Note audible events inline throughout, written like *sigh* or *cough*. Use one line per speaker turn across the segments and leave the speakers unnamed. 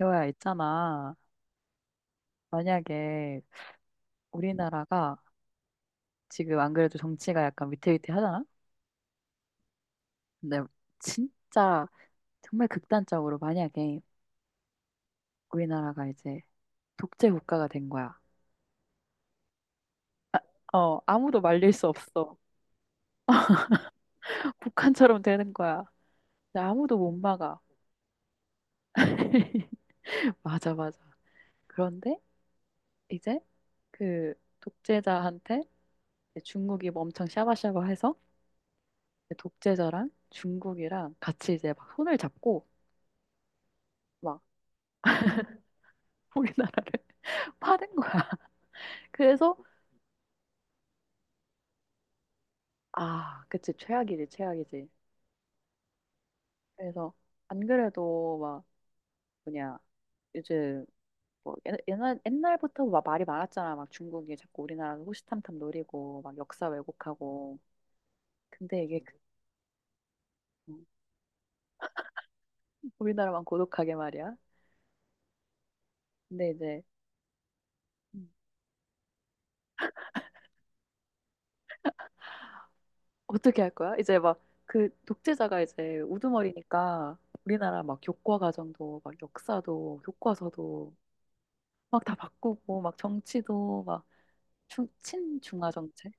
여야 있잖아. 만약에 우리나라가 지금 안 그래도 정치가 약간 위태위태하잖아? 근데 진짜 정말 극단적으로 만약에 우리나라가 이제 독재 국가가 된 거야. 어, 아무도 말릴 수 없어. *laughs* 북한처럼 되는 거야. 근데 아무도 못 막아. *laughs* 맞아, 맞아. 그런데 이제 그 독재자한테 이제 중국이 뭐 엄청 샤바샤바해서 독재자랑 중국이랑 같이 이제 막 손을 잡고 막 *laughs* 우리나라를 파는 거야. *laughs* 그래서 아, 그치 최악이지 최악이지. 그래서 안 그래도 막 뭐냐 요즘 뭐 옛날 옛날부터 막 말이 많았잖아. 막 중국이 자꾸 우리나라를 호시탐탐 노리고 막 역사 왜곡하고. 근데 이게 그- 음, 우리나라만 고독하게 말이야. 근데 이제 음. 어떻게 할 거야? 이제 막 그 독재자가 이제 우두머리니까 우리나라 막 교과 과정도 막 역사도 교과서도 막 다 바꾸고 막 정치도 막 중, 친중화 정책?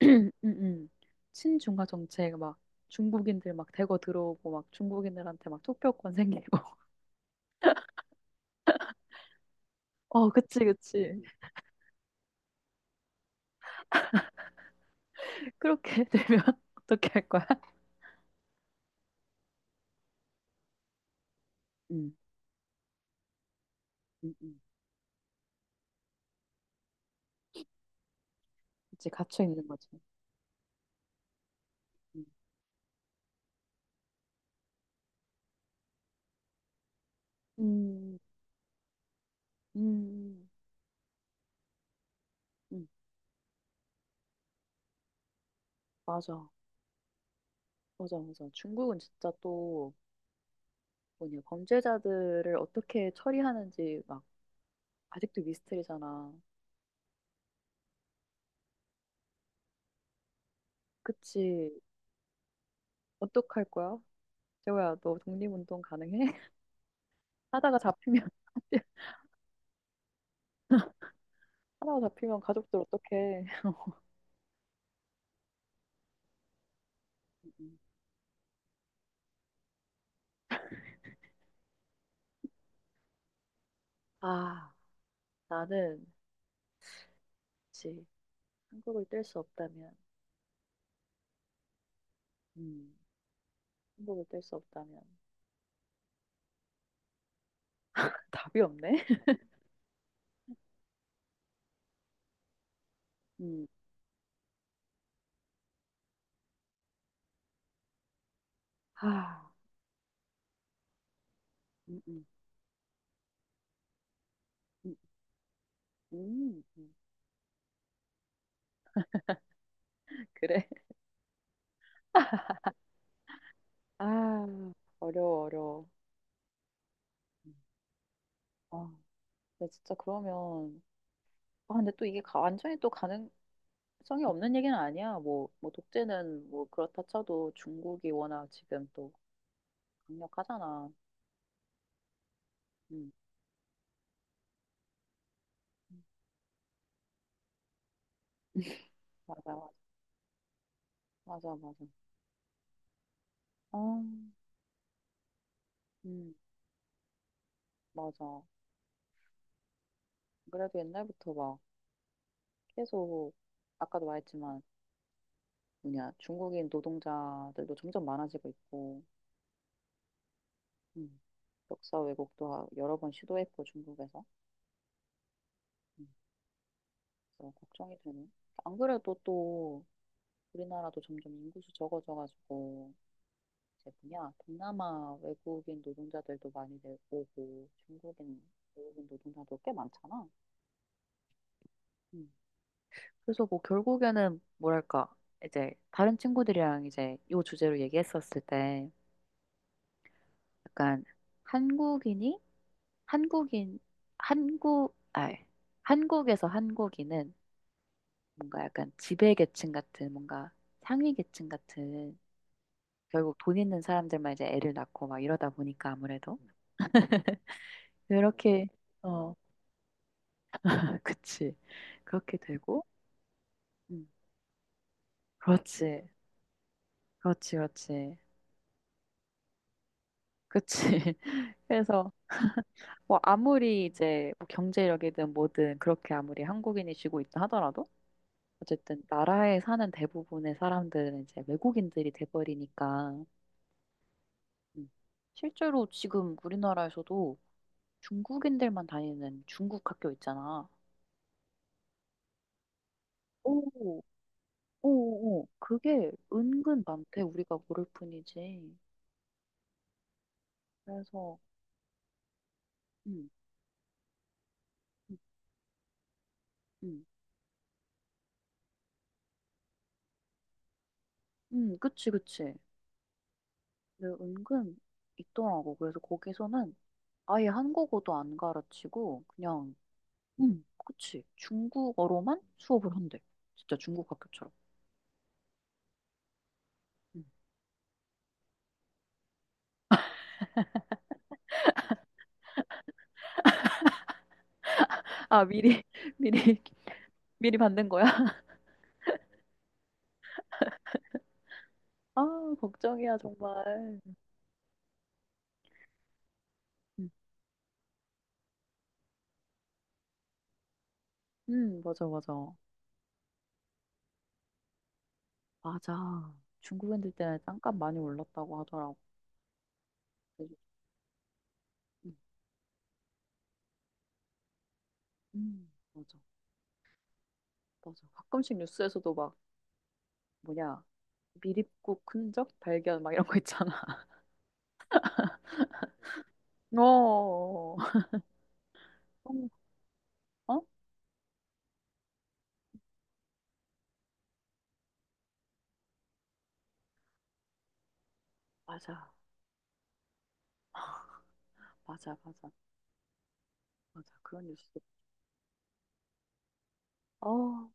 *clears throat* 음, 음. 친중화 정책 막 중국인들 막 대거 들어오고 막 중국인들한테 막 투표권 생기고. *laughs* 어, 그치, 그치. 그렇게 *laughs* 되면 *laughs* 어떻게 할 거야? 음, 음, 음. 그치, 갇혀 있는 거지. 음, 음, 음, 음. 맞아, 맞아, 맞아. 중국은 진짜 또 뭐냐 범죄자들을 어떻게 처리하는지 막 아직도 미스터리잖아. 그치, 어떡할 거야? 재호야, 너 독립운동 가능해? 하다가 잡히면 *laughs* 하다가 잡히면 가족들 어떡해. 음, 아, 나는 그치. 한국을 뗄 수 없다면 음, 한국을 뗄 수 없다면 *laughs* 답이 없네. 음, *laughs* 아, 음, 음, 음, 음, 음, 그래. 아, 어려워, 어려워. 음. 아, 근데 진짜 그러면 아, 근데 또 이게 가- 완전히 또 가능성이 없는 얘기는 아니야. 뭐 독재는 뭐 그렇다 쳐도 중국이 워낙 지금 또 강력하잖아. 음. 음. 맞아, 맞아. 맞아, 맞아. 어, 음, 맞아. 그래도 옛날부터 막 계속, 아까도 말했지만, 뭐냐, 중국인 노동자들도 점점 많아지고 있고, 음, 역사 왜곡도 하- 여러 번 시도했고, 중국에서. 음, 그래서 걱정이 되네. 안 그래도 또, 우리나라도 점점 인구수 적어져가지고, 이제 뭐냐, 동남아 외국인 노동자들도 많이 내- 오고, 중국인 외국인 노동자도 꽤 많잖아. 음, 그래서 뭐 결국에는 뭐랄까 이제 다른 친구들이랑 이제 요 주제로 얘기했었을 때 약간 한국인이 한국인 한국 아 한국에서 한국인은 뭔가 약간 지배계층 같은 뭔가 상위계층 같은 결국 돈 있는 사람들만 이제 애를 낳고 막 이러다 보니까 아무래도 이렇게 어 *laughs* 그치 그렇게 되고 음, 그렇지 그렇지 그렇지 그치 *laughs* 그래서 뭐 아무리 이제 뭐 경제력이든 뭐든 그렇게 아무리 한국인이 쥐고 있다 하더라도 어쨌든 나라에 사는 대부분의 사람들은 이제 외국인들이 돼버리니까 음. 실제로 지금 우리나라에서도 중국인들만 다니는 중국 학교 있잖아. 오, 오, 오, 그게 은근 많대. 우리가 모를 뿐이지. 그래서 음, 음, 음, 그치, 그치. 근데 은근 있더라고. 그래서 거기서는 아예 한국어도 안 가르치고 그냥 응, 그치. 중국어로만 수업을 한대. 진짜 중국 학교처럼. 음. 아, 미리, *laughs* 미리, 미리 받는 거야? *laughs* 아, 걱정이야, 정말. 응, 응, 맞아, 맞아. 맞아. 중국 애들 때문에 땅값 많이 올랐다고 하더라고. 그래서, 응, 응, 맞아, 맞아. 가끔씩 뉴스에서도 막, 뭐냐, 미립국 흔적 발견 막 이런 거 있잖아. *laughs* 어, 어? 어? 맞아, 맞아, 맞아, 맞아. 그런 뉴스. 어,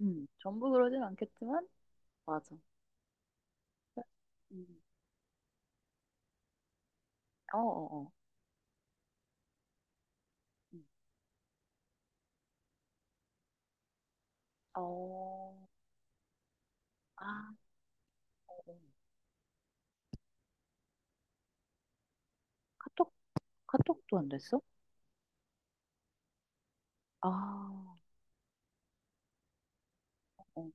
전부 그러진 않겠지만, 맞아. 음. 어, 어, 어. 음. 어, 아, 어, 어. 카톡, 카톡도 안 됐어? 아, 어.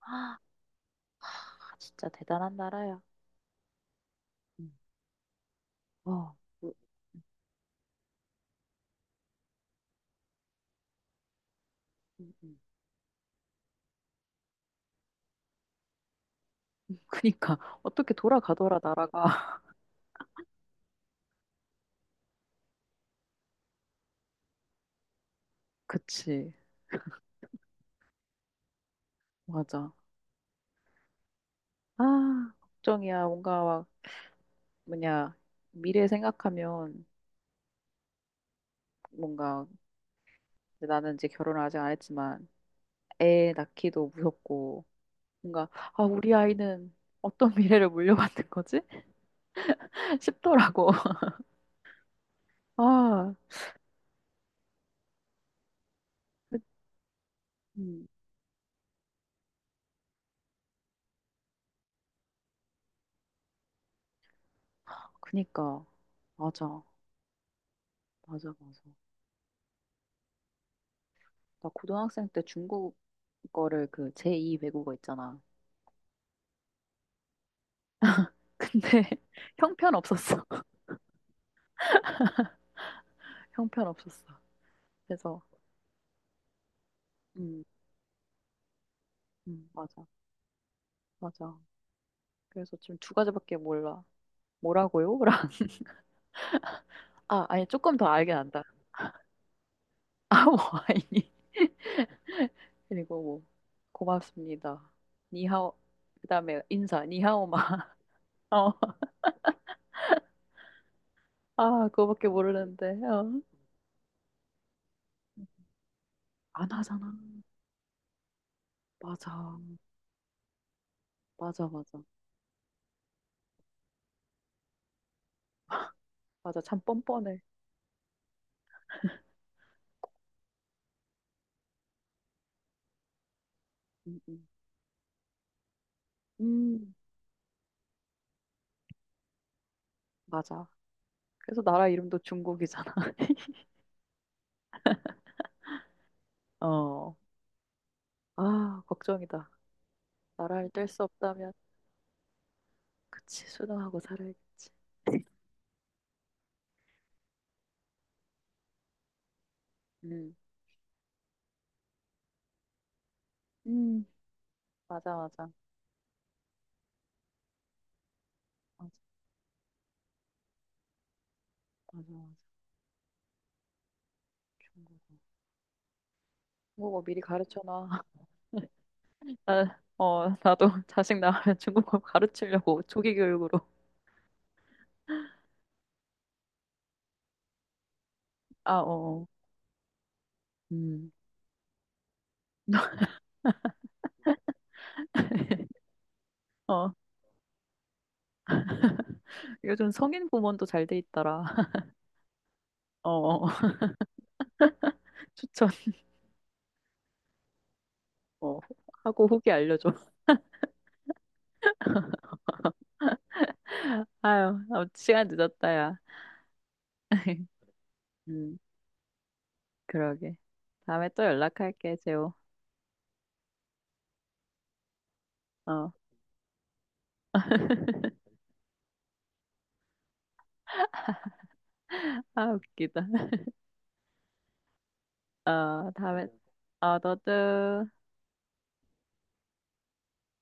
아, 진짜 대단한 나라야. 음. 와, 그- 음. *laughs* 그니까, 어떻게 돌아가더라, 나라가. *laughs* 그치, 맞아. 아, 걱정이야. 뭔가 막, 뭐냐, 미래 생각하면 뭔가, 나는 이제 결혼을 아직 안 했지만, 애 낳기도 무섭고, 뭔가, 아, 우리 아이는 어떤 *laughs* 미래를 물려받는 거지? 싶더라고. *laughs* 아, 그- 음, 그니까. 맞아. 맞아, 맞아. 나 고등학생 때 중국 거를 그 제2 외국어 있잖아. 근데 *laughs* 형편없었어. *laughs* 형편없었어. 그래서, 음, 맞아. 맞아. 그래서 지금 두 가지밖에 몰라. 뭐라고요? *laughs* 랑. 아, 아니, 조금 더 알게 난다. *laughs* 아, 뭐, 아니. *laughs* 그리고 뭐, 고맙습니다. 니하오. 그다음에 인사, 니하오마. *laughs* 어, 아, 그거밖에 모르는데. 어. 안 하잖아. 맞아. 맞아, 맞아. 맞아. 참 뻔뻔해. 음, 음. 음, 맞아. 그래서 나라 이름도 중국이잖아. *laughs* 어. 아, 걱정이다. 나라를 뗄 수 없다면, 그치, 수능하고 살아야겠지. 음. 음, 맞아, 맞아. 맞아, 맞아, 맞아. 중국어. 중국어 미리 가르쳐놔. *laughs* 아, 어, 나도 *laughs* 자식 낳으면 중국어 가르치려고 조기 교육으로. 아, 어. 어. 음. *laughs* 어, 요즘 성인 부모도 잘 돼 있더라. *laughs* 어. 추천 *laughs* 어, 하고 후기 알려줘. *laughs* 아유, 아, 시간 늦었다, 야. *laughs* 음, 그러게. 다음에 또 연락할게, 재호. 어, *laughs* 아, 웃기다. 어, 다음에, 어, 너도.